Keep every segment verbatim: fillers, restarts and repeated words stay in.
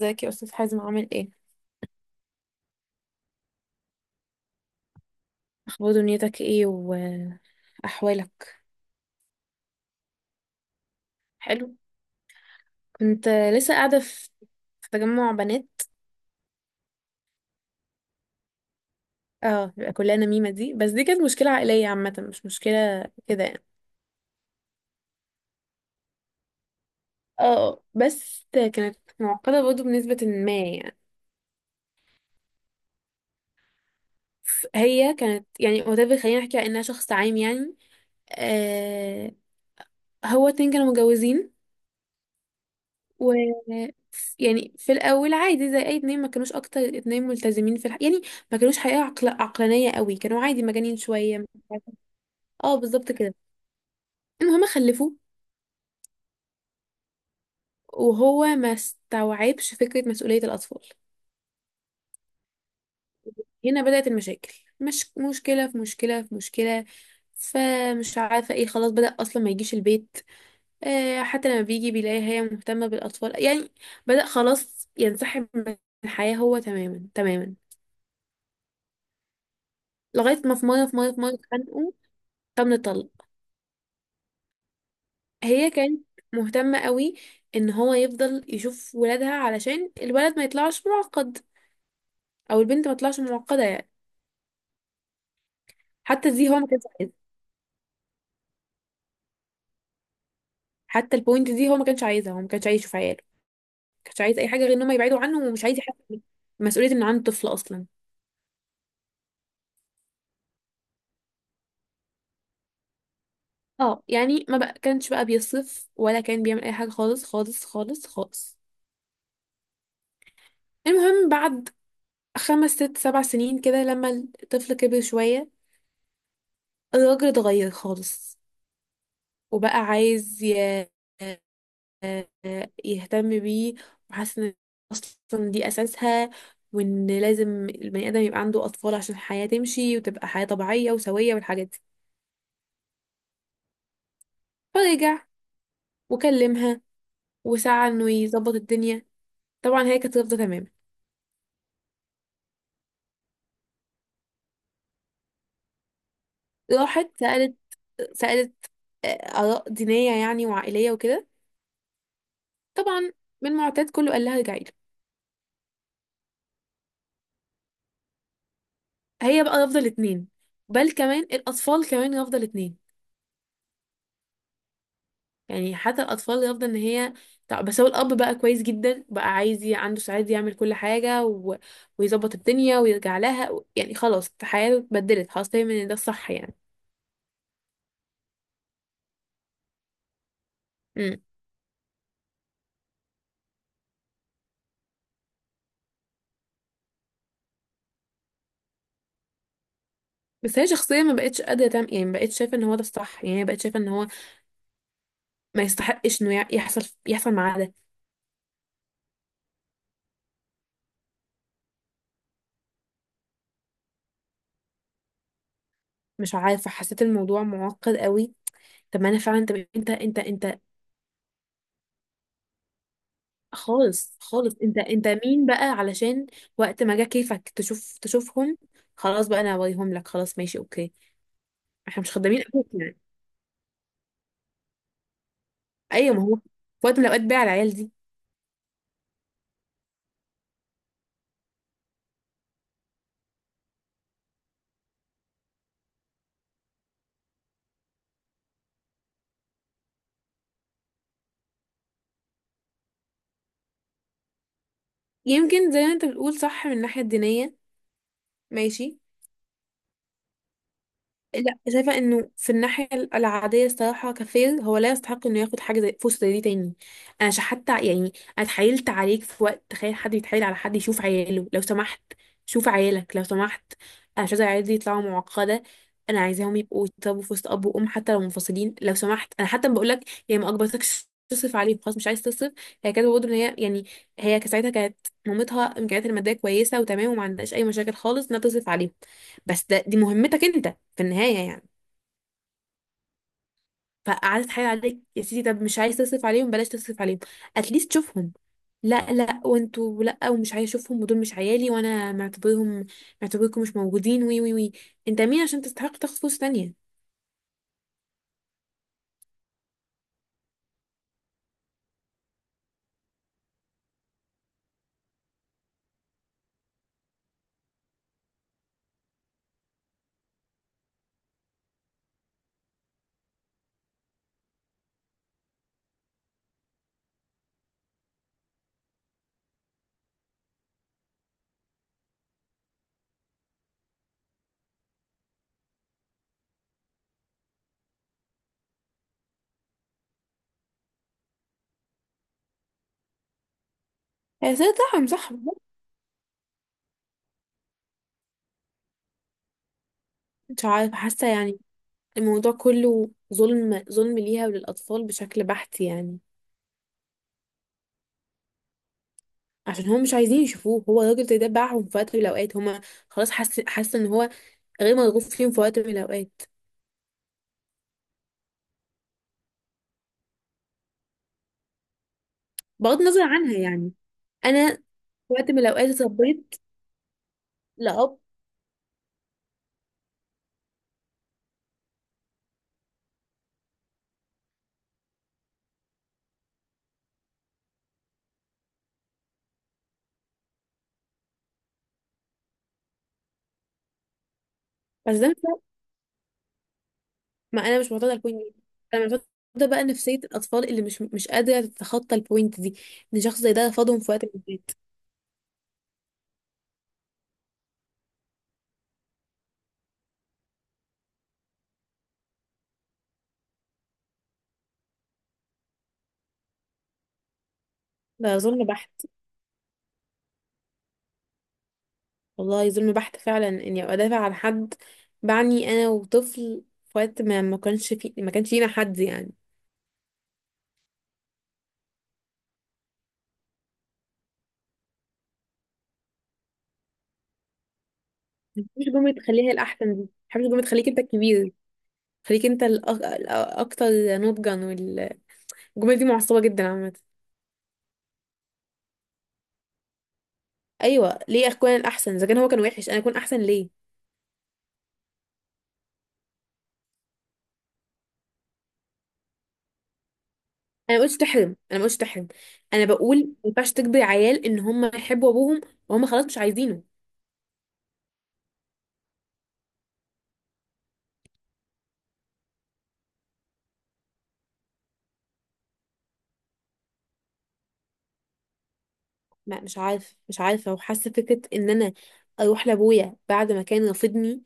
ازيك يا استاذ حازم، عامل ايه؟ اخبار دنيتك ايه واحوالك؟ حلو. كنت لسه قاعده في في تجمع بنات. اه، بيبقى كلها نميمه دي، بس دي كانت مشكله عائليه عامه، مش مشكله كده يعني. اه، بس كانت معقده برضه بنسبه ما يعني. هي كانت يعني whatever، خلينا نحكي على انها شخص عام يعني. آه. هو اتنين كانوا متجوزين و يعني في الاول عادي زي اي اتنين، ما كانوش اكتر اتنين ملتزمين في الح... يعني، ما كانوش حقيقة عقل... عقلانية قوي، كانوا عادي مجانين شوية، مش عارفة. اه، بالظبط كده. المهم خلفوا وهو ما استوعبش فكرة مسؤولية الاطفال. هنا بدأت المشاكل، مش مشكلة في مشكلة في مشكلة، فمش عارفة ايه، خلاص بدأ اصلا ما يجيش البيت. آه، حتى لما بيجي بيلاقي هي مهتمة بالاطفال يعني. بدأ خلاص ينسحب من الحياة هو، تماما تماما، لغاية ما في مرة في مرة في مرة اتخانقوا، فمن الطلق. هي كانت مهتمة قوي ان هو يفضل يشوف ولادها علشان الولد ما يطلعش معقد، او البنت ما تطلعش معقدة يعني. حتى دي هو ما كانش عايزها، حتى البوينت دي هو ما كانش عايزها، هو ما كانش عايز يشوف عياله، ما كانش عايز اي حاجة غير ان هم يبعدوا عنه، ومش عايز يحس بمسؤولية ان عنده طفل اصلا. اه يعني ما بقى كانش بقى بيصف ولا كان بيعمل اي حاجة، خالص خالص خالص خالص. المهم بعد خمس ست سبع سنين كده، لما الطفل كبر شوية، الراجل اتغير خالص، وبقى عايز آه، يهتم بيه، وحاسه ان اصلا دي اساسها، وان لازم البني ادم يبقى عنده اطفال عشان الحياه تمشي وتبقى حياه طبيعيه وسويه والحاجات دي. فرجع وكلمها وسعى انه يظبط الدنيا. طبعا هي كانت رافضه تماما. راحت سالت سالت آه، اراء دينيه يعني وعائليه وكده. طبعا من معتاد كله قال لها ارجعي له. هي بقى رافضه الاثنين، بل كمان الاطفال كمان رافضه الاثنين، يعني حتى الاطفال يفضل ان هي. طب- بس هو الاب بقى كويس جدا، بقى عايز ي- عنده سعاده يعمل كل حاجه و... ويظبط الدنيا ويرجع لها و... يعني خلاص الحياه اتبدلت، خلاص فاهم ان ده الصح يعني. امم. بس هي شخصيا ما بقتش قادره تعمل يعني، ما بقتش شايفه ان هو ده الصح يعني، هي بقت شايفه ان هو ما يستحقش انه يع- يحصل يحصل معاه ده. مش عارفه، حسيت الموضوع معقد قوي. طب ما انا فعلا، طب انت انت انت خالص خالص، انت انت مين بقى علشان وقت ما جه كيفك تشوف تشوفهم خلاص بقى انا هوريهم لك، خلاص ماشي اوكي؟ احنا مش خدامين ابوك يعني. ايوه، ما هو في وقت من الاوقات بقى على العيال دي. يمكن زي ما انت بتقول، صح من الناحيه الدينيه، ماشي. لا، شايفة انه في الناحية العادية الصراحة كفير، هو لا يستحق انه ياخد حاجة زي فرصة زي دي تاني. انا ش- حتى يعني، انا اتحايلت عليك في وقت، تخيل حد يتحايل على حد يشوف عياله، لو سمحت شوف عيالك، لو سمحت انا مش عايزة عيالي دي يطلعوا معقدة، انا عايزاهم يبقوا يتربوا في وسط اب وام حتى لو منفصلين، لو سمحت. انا حتى بقول لك هي ما اكبرتكش، تصرف عليهم، خلاص مش عايز تصرف. هي كانت برضه ان هي يعني، هي كانت ساعتها كانت مامتها امكانياتها الماديه كويسه وتمام، وما عندهاش اي مشاكل خالص انها تصرف عليهم، بس ده دي مهمتك انت في النهاية يعني. فقعدت تحايل عليك يا سيدي، طب مش عايز تصرف عليهم بلاش تصرف عليهم، اتليست شوفهم. لا لا، وانتوا لا، ومش عايز اشوفهم، ودول مش عيالي وانا معتبرهم، معتبركم مش موجودين، وي وي وي. انت مين عشان تستحق تاخد فلوس تانية؟ هي سيدة رحم، صح والله. مش عارفة حاسة يعني الموضوع كله ظلم، ظلم ليها وللأطفال بشكل بحت يعني، عشان هم مش عايزين يشوفوه، هو الراجل ده باعهم في وقت من الأوقات، هما خلاص حاسة، حاسة ان هو غير مرغوب فيهم في وقت من الأوقات. بغض النظر عنها يعني، انا وقت من الأوقات اتربيت لأب. بس ده مش، ما أنا مش معتادة على البوينت دي، أنا معتادة بقى نفسية الأطفال اللي مش مش قادرة تتخطى البوينت دي، إن شخص زي ده رفضهم في وقت من الأوقات. ده ظلم بحت، والله ظلم بحت فعلا، إني أبقى دافع عن حد، بعني أنا وطفل في وقت ما ما كانش في ما كانش لينا حد يعني. مش، جملة تخليها الأحسن دي ما بحبش، جملة تخليك أنت الكبير، خليك أنت الأك- الأكتر نضجا، والجملة دي معصبة جدا عامة. أيوه ليه أكون الأحسن؟ إذا كان هو كان وحش أنا أكون أحسن ليه؟ انا ما قلتش تحرم، انا ما قلتش تحرم، انا بقول ما ينفعش تجبر عيال ان هم يحبوا ابوهم وهم خلاص مش عايزينه. ما مش عارف مش عارفه، وحاسه فكره ان انا اروح لابويا بعد ما كان رافضني،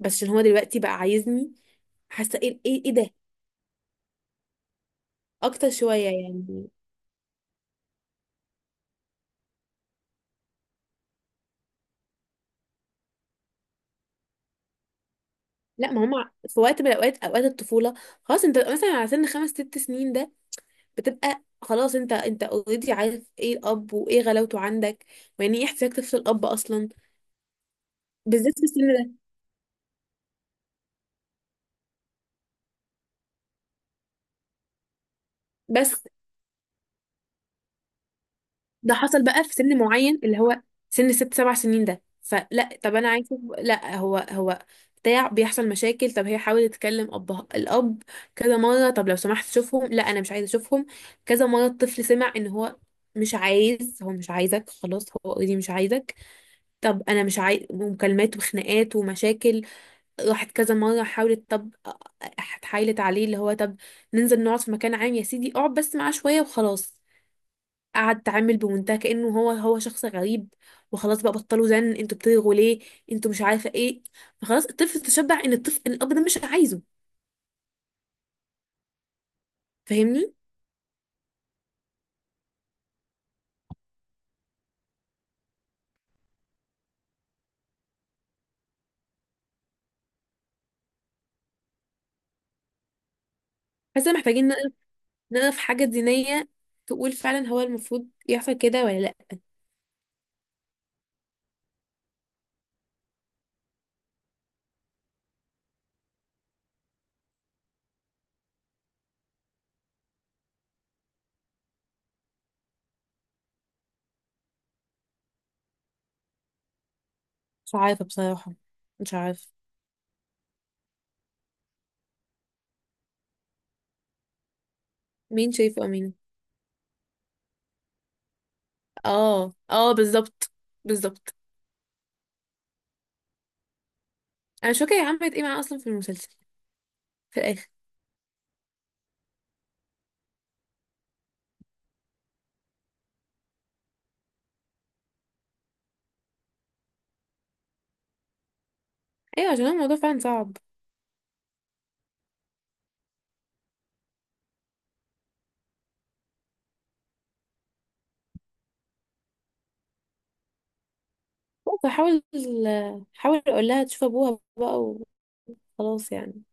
بس عشان هو دلوقتي بقى عايزني، حاسه ايه ايه ايه ده؟ اكتر شويه يعني. لا، ما هم في وقت من الاوقات، اوقات الطفوله، خلاص انت مثلا على سن خمس ست سنين ده، بتبقى خلاص انت انت اوريدي عارف ايه الاب وايه غلاوته عندك، ويعني ايه احتياج طفل الاب اصلا، بالذات في السن ده. بس ده حصل بقى في سن معين اللي هو سن ست سبع سنين ده، فلا، طب انا عايزه، لا هو هو بتاع بيحصل مشاكل. طب هي حاولت تكلم ابها الاب كذا مره، طب لو سمحت شوفهم، لا انا مش عايزه اشوفهم. كذا مره الطفل سمع ان هو مش عايز، هو مش عايزك خلاص، هو اوريدي مش عايزك، طب انا مش عايز، ومكالمات وخناقات ومشاكل. راحت كذا مره حاولت، طب اتحايلت عليه اللي هو، طب ننزل نقعد في مكان عام يا سيدي، اقعد بس معاه شويه وخلاص، قعد تعامل بمنتهى كأنه هو هو شخص غريب وخلاص، بقى بطلوا زن، انتوا بتلغوا ليه، انتوا مش عارفه ايه؟ فخلاص الطفل تشبع ان الطفل ان الاب ده مش عايزه، فاهمني؟ حاسه محتاجين نقف نقف حاجه دينيه تقول فعلا هو المفروض يحصل كده ولا لا. مش عارفه بصراحه، مش عارفه. مين شايفه امين؟ اه اه، بالظبط، بالظبط. انا مش فاكره هي عملت ايه معاه اصلا في المسلسل في الاخر. ايوه عشان هو الموضوع فعلا صعب. بس حاول حاول اقول لها تشوف ابوها بقى وخلاص يعني.